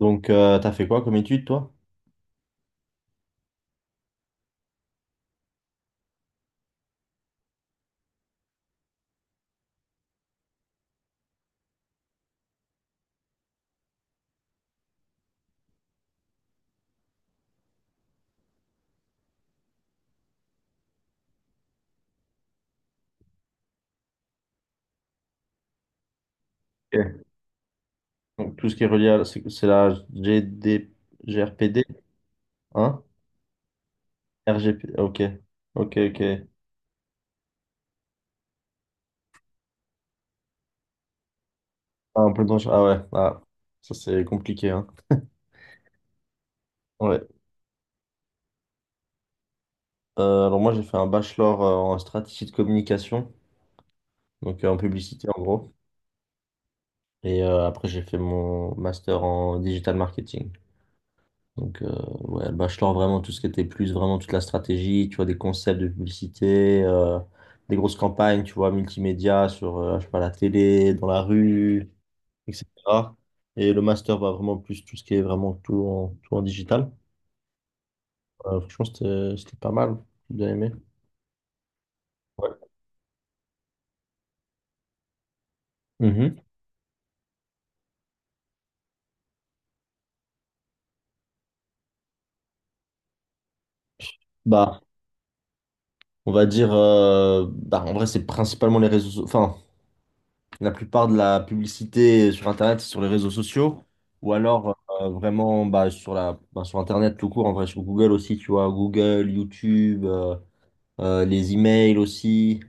Donc, t'as fait quoi comme étude, toi? Ok. Donc, tout ce qui est relié à... c'est la GD... GRPD, hein? RGP, ok. Ok, ok. Ah, en plein temps, ah ouais, ah, ça c'est compliqué, hein. Ouais. Alors moi, j'ai fait un bachelor en stratégie de communication, donc en publicité en gros. Et après, j'ai fait mon master en digital marketing. Donc, ouais, le bachelor, vraiment, tout ce qui était plus, vraiment toute la stratégie, tu vois, des concepts de publicité, des grosses campagnes, tu vois, multimédia sur, je sais pas, la télé, dans la rue, etc. Et le master va vraiment plus tout ce qui est vraiment tout en digital. Franchement, c'était pas mal. J'ai bien aimé. Ouais. Mhm. Bah, on va dire, bah, en vrai, c'est principalement les réseaux, enfin, la plupart de la publicité sur Internet, c'est sur les réseaux sociaux, ou alors vraiment bah, sur Internet tout court, en vrai, sur Google aussi, tu vois, Google, YouTube, les emails aussi,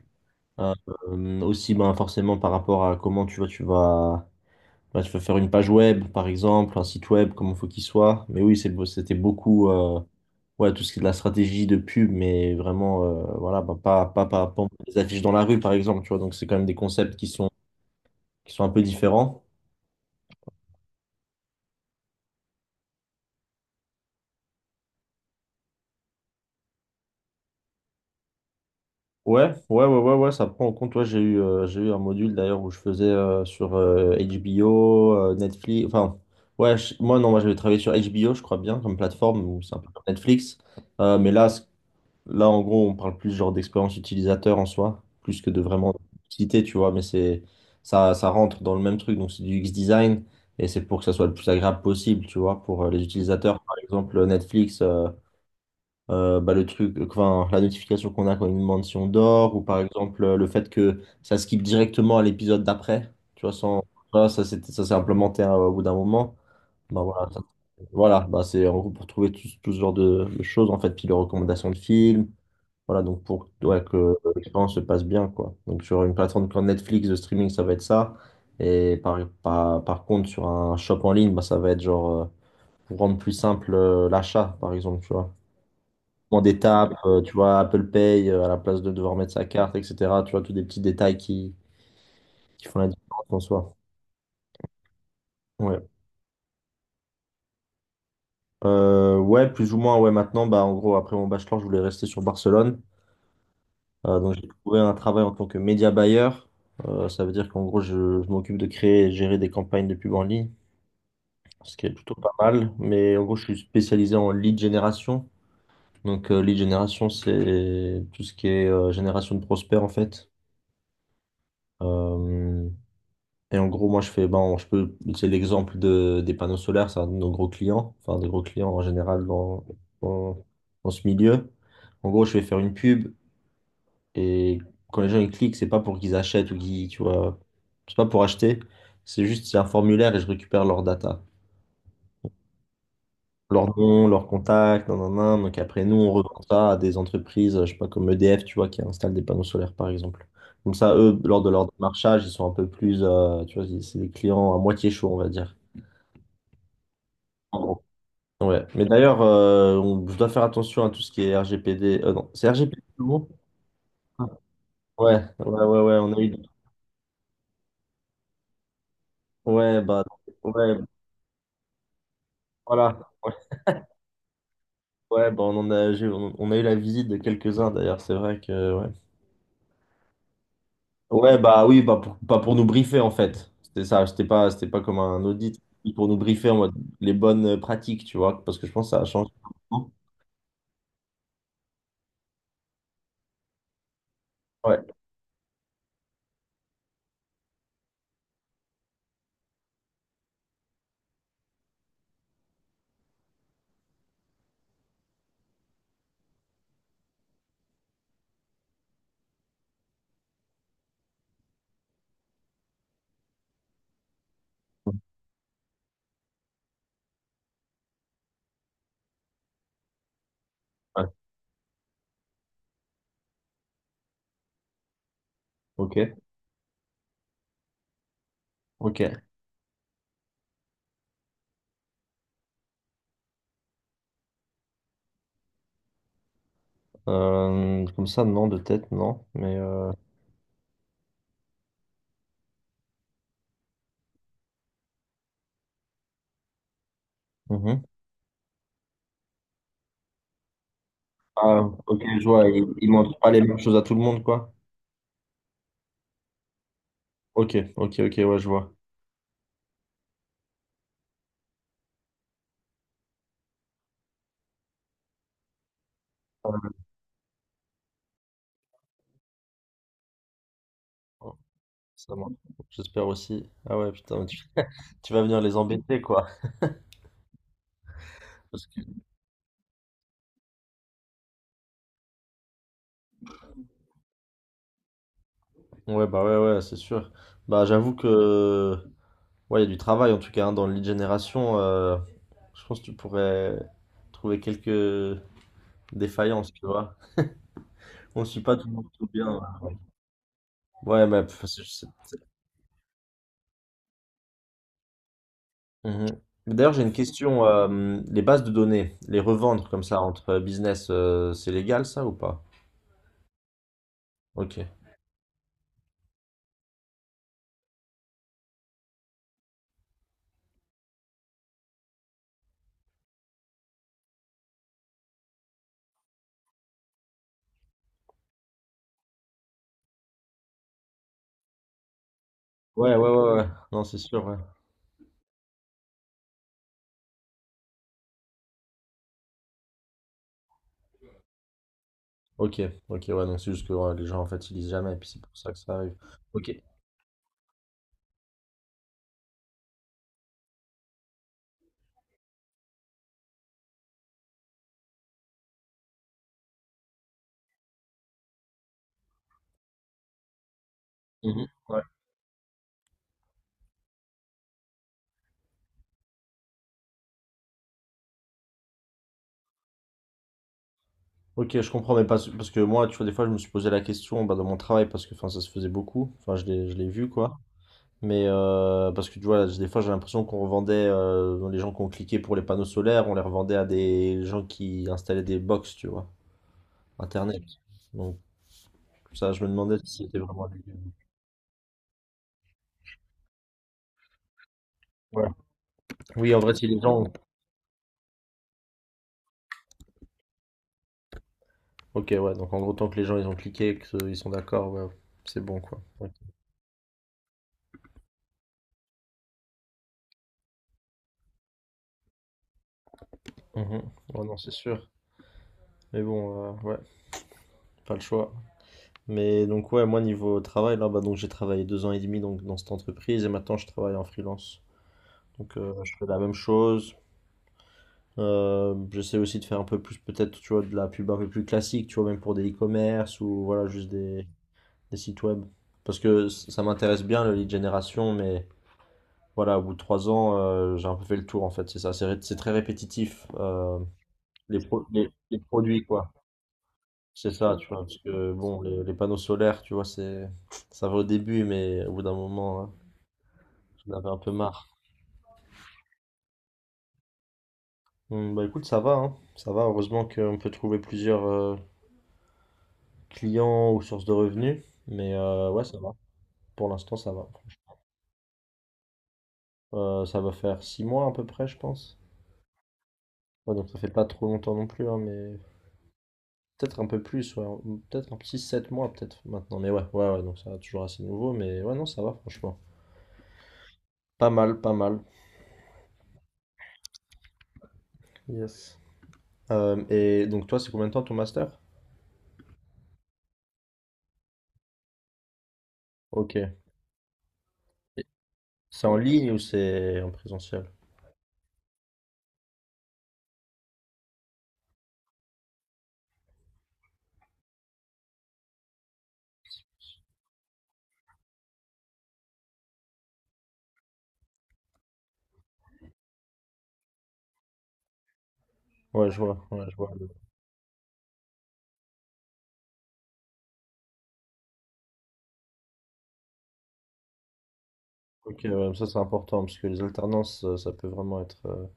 euh, aussi bah, forcément par rapport à comment tu vois, tu vas, bah, tu vas faire une page web, par exemple, un site web, comment il faut qu'il soit. Mais oui, c'est, c'était beaucoup ouais, tout ce qui est de la stratégie de pub, mais vraiment, voilà, bah, pas des affiches dans la rue, par exemple, tu vois, donc c'est quand même des concepts qui sont, un peu différents. Ouais, ouais, ouais, ouais, ouais, ça prend en compte. Ouais, j'ai eu un module d'ailleurs où je faisais sur HBO, Netflix. Enfin, ouais, moi non, moi j'avais travaillé sur HBO, je crois bien, comme plateforme, où c'est un peu comme Netflix. Mais là, là, en gros, on parle plus genre d'expérience utilisateur en soi, plus que de vraiment citer, tu vois. Mais c'est ça, ça rentre dans le même truc. Donc c'est du UX design et c'est pour que ça soit le plus agréable possible, tu vois, pour les utilisateurs. Par exemple, Netflix. Bah, le truc, enfin, la notification qu'on a quand une mention d'or, ou par exemple le fait que ça skip directement à l'épisode d'après, tu vois, sans, voilà, ça s'est implémenté au bout d'un moment. Bah, voilà, c'est en gros pour trouver tout, tout ce genre de choses, en fait, puis les recommandations de films, voilà, donc pour ouais, que l'expérience se passe bien, quoi. Donc sur une plateforme comme Netflix de streaming, ça va être ça, et par contre sur un shop en ligne, bah, ça va être genre, pour rendre plus simple l'achat, par exemple, tu vois. Comment des tapes, tu vois, Apple Pay à la place de devoir mettre sa carte, etc. Tu vois, tous des petits détails qui font la différence en soi. Ouais. Ouais, plus ou moins, ouais, maintenant, bah, en gros, après mon bachelor, je voulais rester sur Barcelone. Donc, j'ai trouvé un travail en tant que média buyer. Ça veut dire qu'en gros, je m'occupe de créer et gérer des campagnes de pub en ligne, ce qui est plutôt pas mal. Mais en gros, je suis spécialisé en lead génération. Donc, lead génération, c'est tout ce qui est génération de prospects, en fait. Euh, Et en gros, moi, je fais, ben, je peux utiliser l'exemple de, des panneaux solaires, c'est un de nos gros clients, enfin, des gros clients en général dans, dans, dans ce milieu. En gros, je vais faire une pub et quand les gens ils cliquent, c'est pas pour qu'ils achètent ou qu'ils, tu vois, c'est pas pour acheter, c'est juste, c'est un formulaire et je récupère leur data, leur nom, leur contact, nan, nan, nan. Donc après, nous, on revend ça à des entreprises, je sais pas, comme EDF, tu vois, qui installent des panneaux solaires, par exemple. Comme ça, eux, lors de leur démarchage, ils sont un peu plus, tu vois, c'est des clients à moitié chauds, on va dire. Ouais. Mais d'ailleurs, je dois faire attention à tout ce qui est RGPD. Non, c'est RGPD le mot? Ouais, ouais, ouais, ouais, on a eu. Ouais, bah, ouais, voilà. Ouais, ouais, bah, on en a, on a eu la visite de quelques-uns d'ailleurs, c'est vrai que. Ouais, ouais bah oui, bah, pas pour nous briefer en fait. C'était ça, c'était pas comme un audit, c'était pour nous briefer en mode les bonnes pratiques, tu vois, parce que je pense que ça a changé. Ouais, ouais, ok, ok. Comme ça, non, de tête, non, mais. Mhm. Ah, ok, je vois. Il montre pas les mêmes choses à tout le monde, quoi. Ok, ok, ok, ouais, je vois. Ah, ça marche. J'espère aussi. Ah ouais, putain, tu vas venir les embêter, quoi. Parce que- Ouais, bah ouais, ouais, c'est sûr. Bah, j'avoue que. Ouais, il y a du travail, en tout cas, hein, dans le lead génération. Je pense que tu pourrais trouver quelques défaillances, tu vois. On ne suit pas tout le monde tout bien, hein. Ouais, mais pff, Mhm. D'ailleurs, j'ai une question. Les bases de données, les revendre comme ça entre business, c'est légal ça ou pas? Ok. Ouais, ouais, ouais, ouais. Non, c'est sûr, ouais. Ok, ok, ouais. Donc c'est juste que ouais, les gens en fait ils lisent jamais, et puis c'est pour ça que ça arrive. Ok. Mhm. Ouais. Ok, je comprends, mais parce que moi, tu vois, des fois, je me suis posé la question bah, dans mon travail parce que enfin, ça se faisait beaucoup. Enfin, je l'ai vu quoi. Mais parce que tu vois, des fois, j'ai l'impression qu'on revendait les gens qui ont cliqué pour les panneaux solaires, on les revendait à des gens qui installaient des box, tu vois. Internet. Donc ça, je me demandais si c'était vraiment lui. Ouais. Oui, en vrai, si les gens... Ok, ouais, donc en gros, tant que les gens, ils ont cliqué et qu'ils sont d'accord, ouais, c'est bon, quoi. Ouais, Mhm. Ouais, non, c'est sûr. Mais bon, ouais, pas le choix. Mais donc, ouais, moi, niveau travail, là, bah, donc j'ai travaillé 2 ans et demi donc, dans cette entreprise et maintenant, je travaille en freelance. Donc, je fais la même chose. J'essaie aussi de faire un peu plus, peut-être, tu vois, de la pub un peu plus classique, tu vois, même pour des e-commerce ou, voilà, juste des sites web. Parce que ça m'intéresse bien le lead generation, mais voilà, au bout de 3 ans, j'ai un peu fait le tour en fait, c'est ça. C'est très répétitif, les produits quoi. C'est ça, tu vois, parce que bon, les panneaux solaires, tu vois, c'est ça va au début, mais au bout d'un moment, hein, j'en avais un peu marre. Bah écoute, ça va, hein. Ça va, heureusement qu'on peut trouver plusieurs clients ou sources de revenus, mais ouais, ça va. Pour l'instant, ça va. Ça va faire 6 mois à peu près, je pense. Ouais, donc ça fait pas trop longtemps non plus, hein, mais peut-être un peu plus, ouais, ou peut-être un petit 7 mois peut-être maintenant, mais ouais, ouais, ouais, donc ça va toujours assez nouveau, mais ouais, non, ça va franchement. Pas mal, pas mal. Yes. Et donc toi, c'est combien de temps ton master? Ok. Et c'est en ligne ou c'est en présentiel? Ouais, je vois, ouais, je vois. Ok, ouais, ça c'est important, parce que les alternances, ça peut vraiment être...